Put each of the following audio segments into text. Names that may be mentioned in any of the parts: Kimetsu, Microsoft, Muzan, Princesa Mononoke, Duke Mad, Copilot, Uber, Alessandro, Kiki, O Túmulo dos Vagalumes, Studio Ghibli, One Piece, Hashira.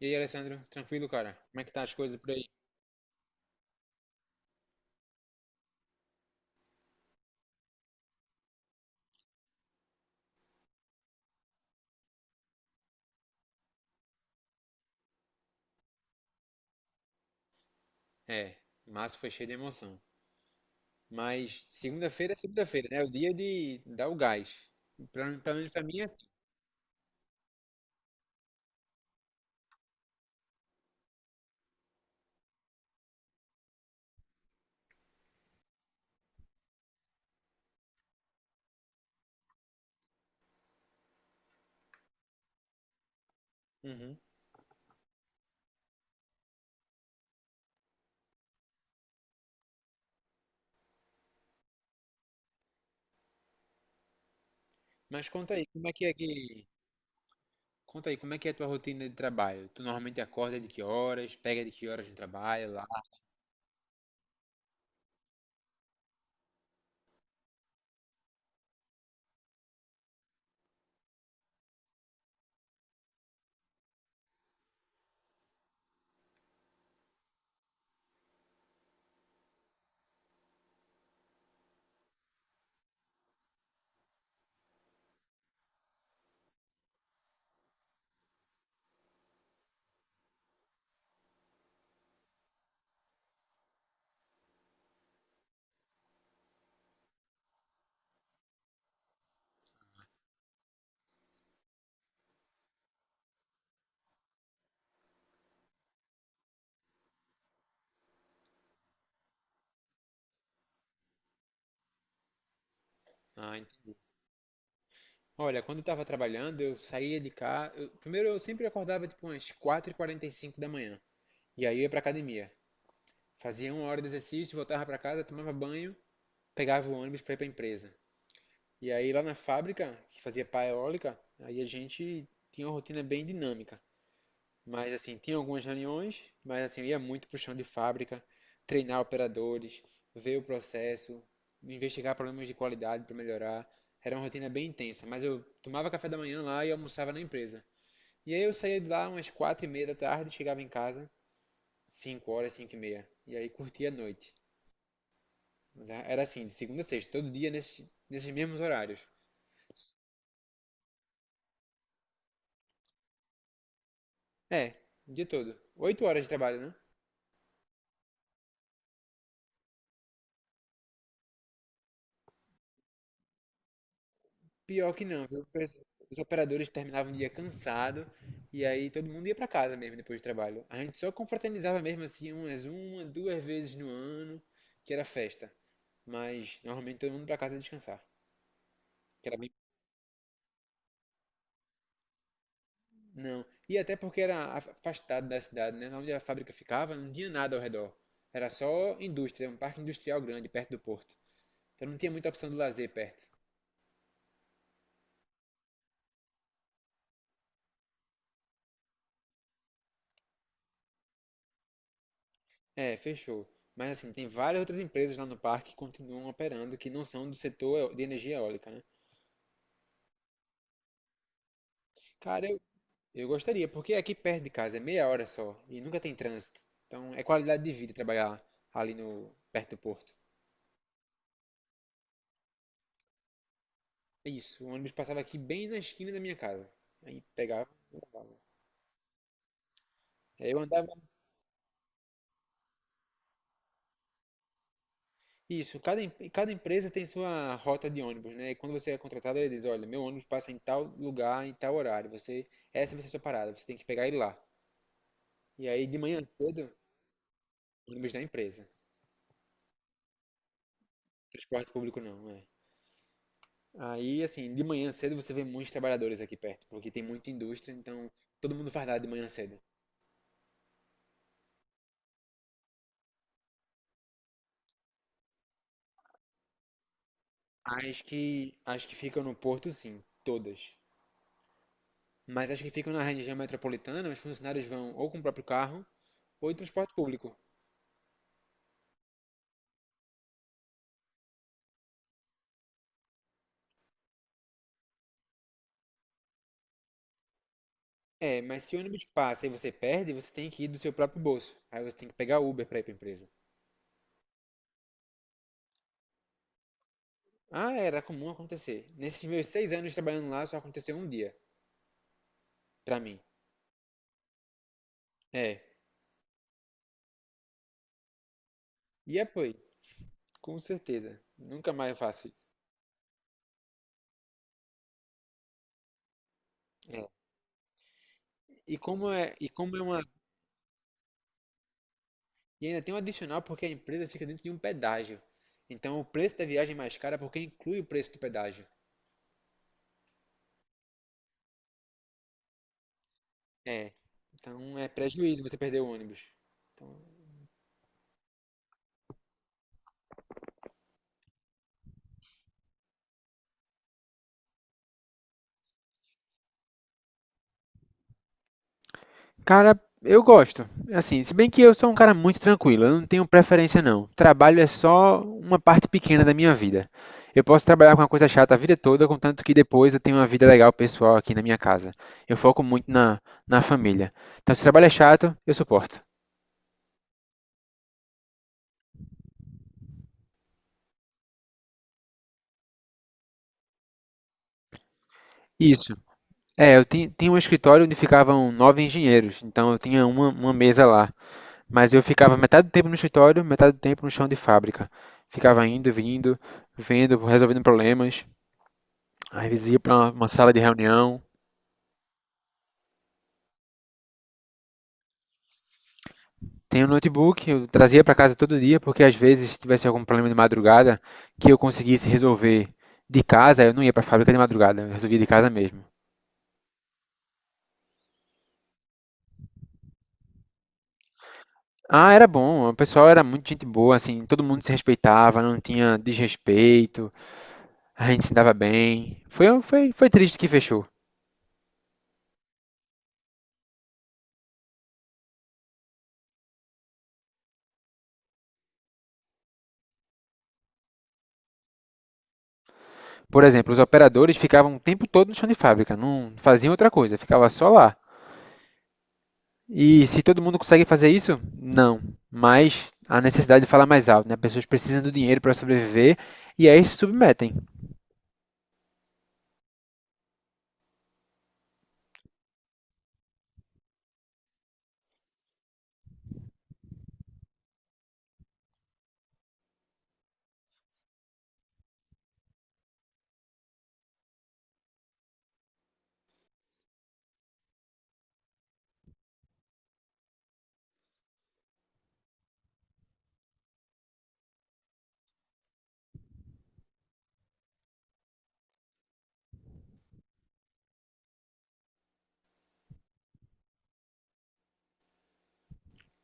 E aí, Alessandro, tranquilo, cara? Como é que tá as coisas por aí? É, março foi cheio de emoção. Mas segunda-feira é segunda-feira, né? É o dia de dar o gás. Pelo menos pra mim é assim. Uhum. Mas conta aí, como é que... Conta aí, como é que é a tua rotina de trabalho? Tu normalmente acorda de que horas? Pega de que horas no trabalho lá? Ah, entendi. Olha, quando eu tava trabalhando, eu saía de cá. Primeiro, eu sempre acordava tipo umas 4:45 da manhã. E aí eu ia pra academia. Fazia uma hora de exercício, voltava pra casa, tomava banho, pegava o ônibus pra ir pra empresa. E aí lá na fábrica, que fazia pá eólica, aí a gente tinha uma rotina bem dinâmica. Mas assim, tinha algumas reuniões, mas assim, eu ia muito pro chão de fábrica, treinar operadores, ver o processo, investigar problemas de qualidade para melhorar. Era uma rotina bem intensa, mas eu tomava café da manhã lá e almoçava na empresa. E aí eu saía de lá umas 4:30 da tarde, chegava em casa, 5 horas, 5:30. E aí curtia a noite. Mas era assim, de segunda a sexta, todo dia nesses mesmos horários. É, o dia todo. 8 horas de trabalho, né? Pior que não, viu? Os operadores terminavam o dia cansado e aí todo mundo ia pra casa mesmo depois do trabalho. A gente só confraternizava mesmo assim umas uma, duas vezes no ano, que era festa. Mas normalmente todo mundo pra casa descansar. Que era bem. Não. E até porque era afastado da cidade, né? Onde a fábrica ficava, não tinha nada ao redor. Era só indústria, um parque industrial grande perto do porto. Então não tinha muita opção de lazer perto. É, fechou. Mas assim, tem várias outras empresas lá no parque que continuam operando que não são do setor de energia eólica, né? Cara, eu gostaria, porque aqui perto de casa é meia hora só e nunca tem trânsito. Então é qualidade de vida trabalhar ali no, perto do porto. É isso, o ônibus passava aqui bem na esquina da minha casa. Aí pegava, e andava. Aí eu andava. Isso, cada empresa tem sua rota de ônibus, né? E quando você é contratado, ele diz: olha, meu ônibus passa em tal lugar, em tal horário. Você, essa vai ser a sua parada, você tem que pegar ele lá. E aí de manhã cedo. Ônibus da empresa. Transporte público não, é. Aí, assim, de manhã cedo você vê muitos trabalhadores aqui perto, porque tem muita indústria, então todo mundo fardado de manhã cedo. As que ficam no porto, sim, todas. Mas as que ficam na região metropolitana, os funcionários vão ou com o próprio carro ou em transporte público. É, mas se o ônibus passa e você perde, você tem que ir do seu próprio bolso. Aí você tem que pegar Uber pra ir pra empresa. Ah, era comum acontecer. Nesses meus 6 anos trabalhando lá, só aconteceu um dia, pra mim. É. E apoio? Com certeza. Nunca mais faço isso. É. E como é, e como é uma, e ainda tem um adicional porque a empresa fica dentro de um pedágio. Então o preço da viagem é mais cara porque inclui o preço do pedágio. É. Então é prejuízo você perder o ônibus. Então, Cara, eu gosto. Assim, se bem que eu sou um cara muito tranquilo, eu não tenho preferência não. Trabalho é só uma parte pequena da minha vida. Eu posso trabalhar com uma coisa chata a vida toda, contanto que depois eu tenho uma vida legal pessoal aqui na minha casa. Eu foco muito na família. Então, se o trabalho é chato, eu suporto. Isso. É, eu tinha um escritório onde ficavam nove engenheiros, então eu tinha uma mesa lá. Mas eu ficava metade do tempo no escritório, metade do tempo no chão de fábrica. Ficava indo, vindo, vendo, resolvendo problemas. Às vezes ia para uma sala de reunião. Tem um notebook, eu trazia para casa todo dia, porque às vezes se tivesse algum problema de madrugada que eu conseguisse resolver de casa, eu não ia para a fábrica de madrugada, eu resolvia de casa mesmo. Ah, era bom, o pessoal era muito gente boa, assim, todo mundo se respeitava, não tinha desrespeito, a gente se dava bem. Foi triste que fechou. Por exemplo, os operadores ficavam o tempo todo no chão de fábrica, não faziam outra coisa, ficava só lá. E se todo mundo consegue fazer isso? Não. Mas a necessidade de falar mais alto, né? Pessoas precisam do dinheiro para sobreviver e aí se submetem.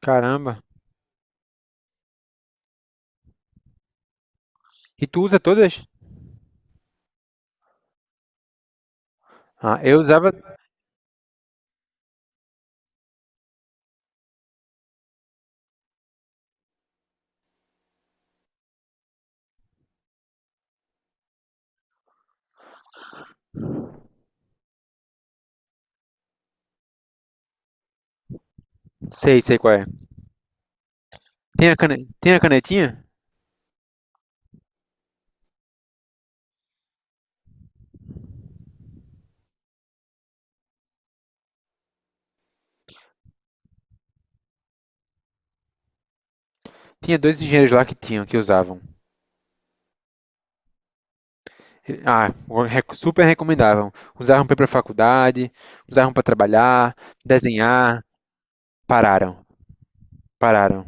Caramba. E tu usa todas? Ah, eu usava. Sei, sei qual é. Tem a canetinha? Tinha dois engenheiros lá que tinham, que usavam. Ah, super recomendavam. Usavam para ir para faculdade, usavam para trabalhar, desenhar. Pararam, pararam.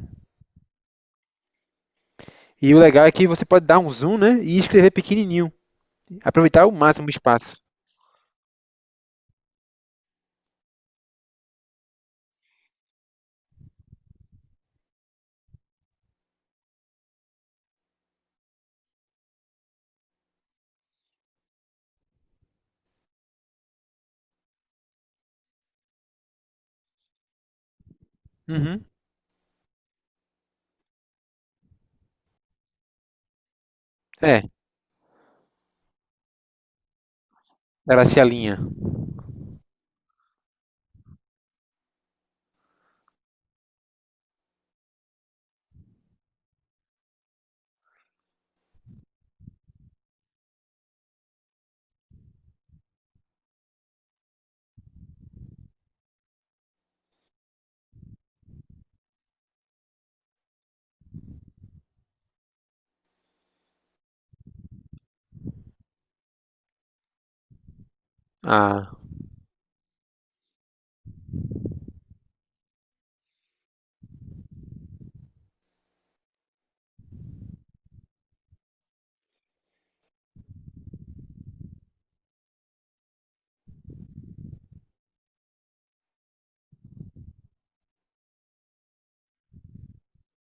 E o legal é que você pode dar um zoom, né? E escrever pequenininho. Aproveitar o máximo o espaço. Uhum. É. Ela Gracialinha. Ah,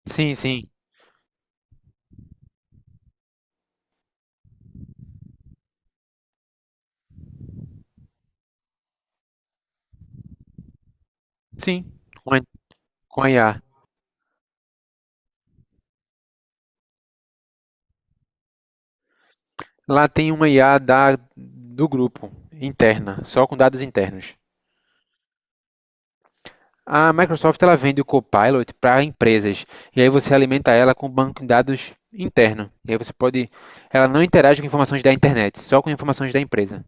sim, sim. Sim, com a, com a IA. Lá tem uma IA do grupo, interna, só com dados internos. A Microsoft ela vende o Copilot para empresas, e aí você alimenta ela com o banco de dados interno. E aí você pode. Ela não interage com informações da internet, só com informações da empresa.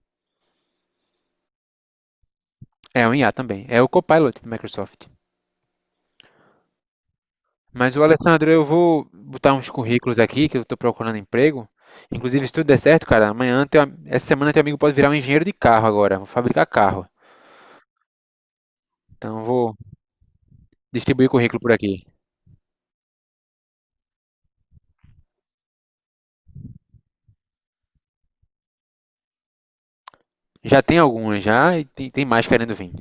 É um IA também. É o Copilot da Microsoft. Mas o Alessandro, eu vou botar uns currículos aqui que eu estou procurando emprego. Inclusive, se tudo der certo, cara, amanhã, essa semana, teu amigo pode virar um engenheiro de carro agora. Vou fabricar carro. Então, eu vou distribuir currículo por aqui. Já tem algumas já e tem, mais querendo vir.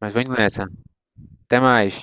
Mas vou indo nessa. Até mais.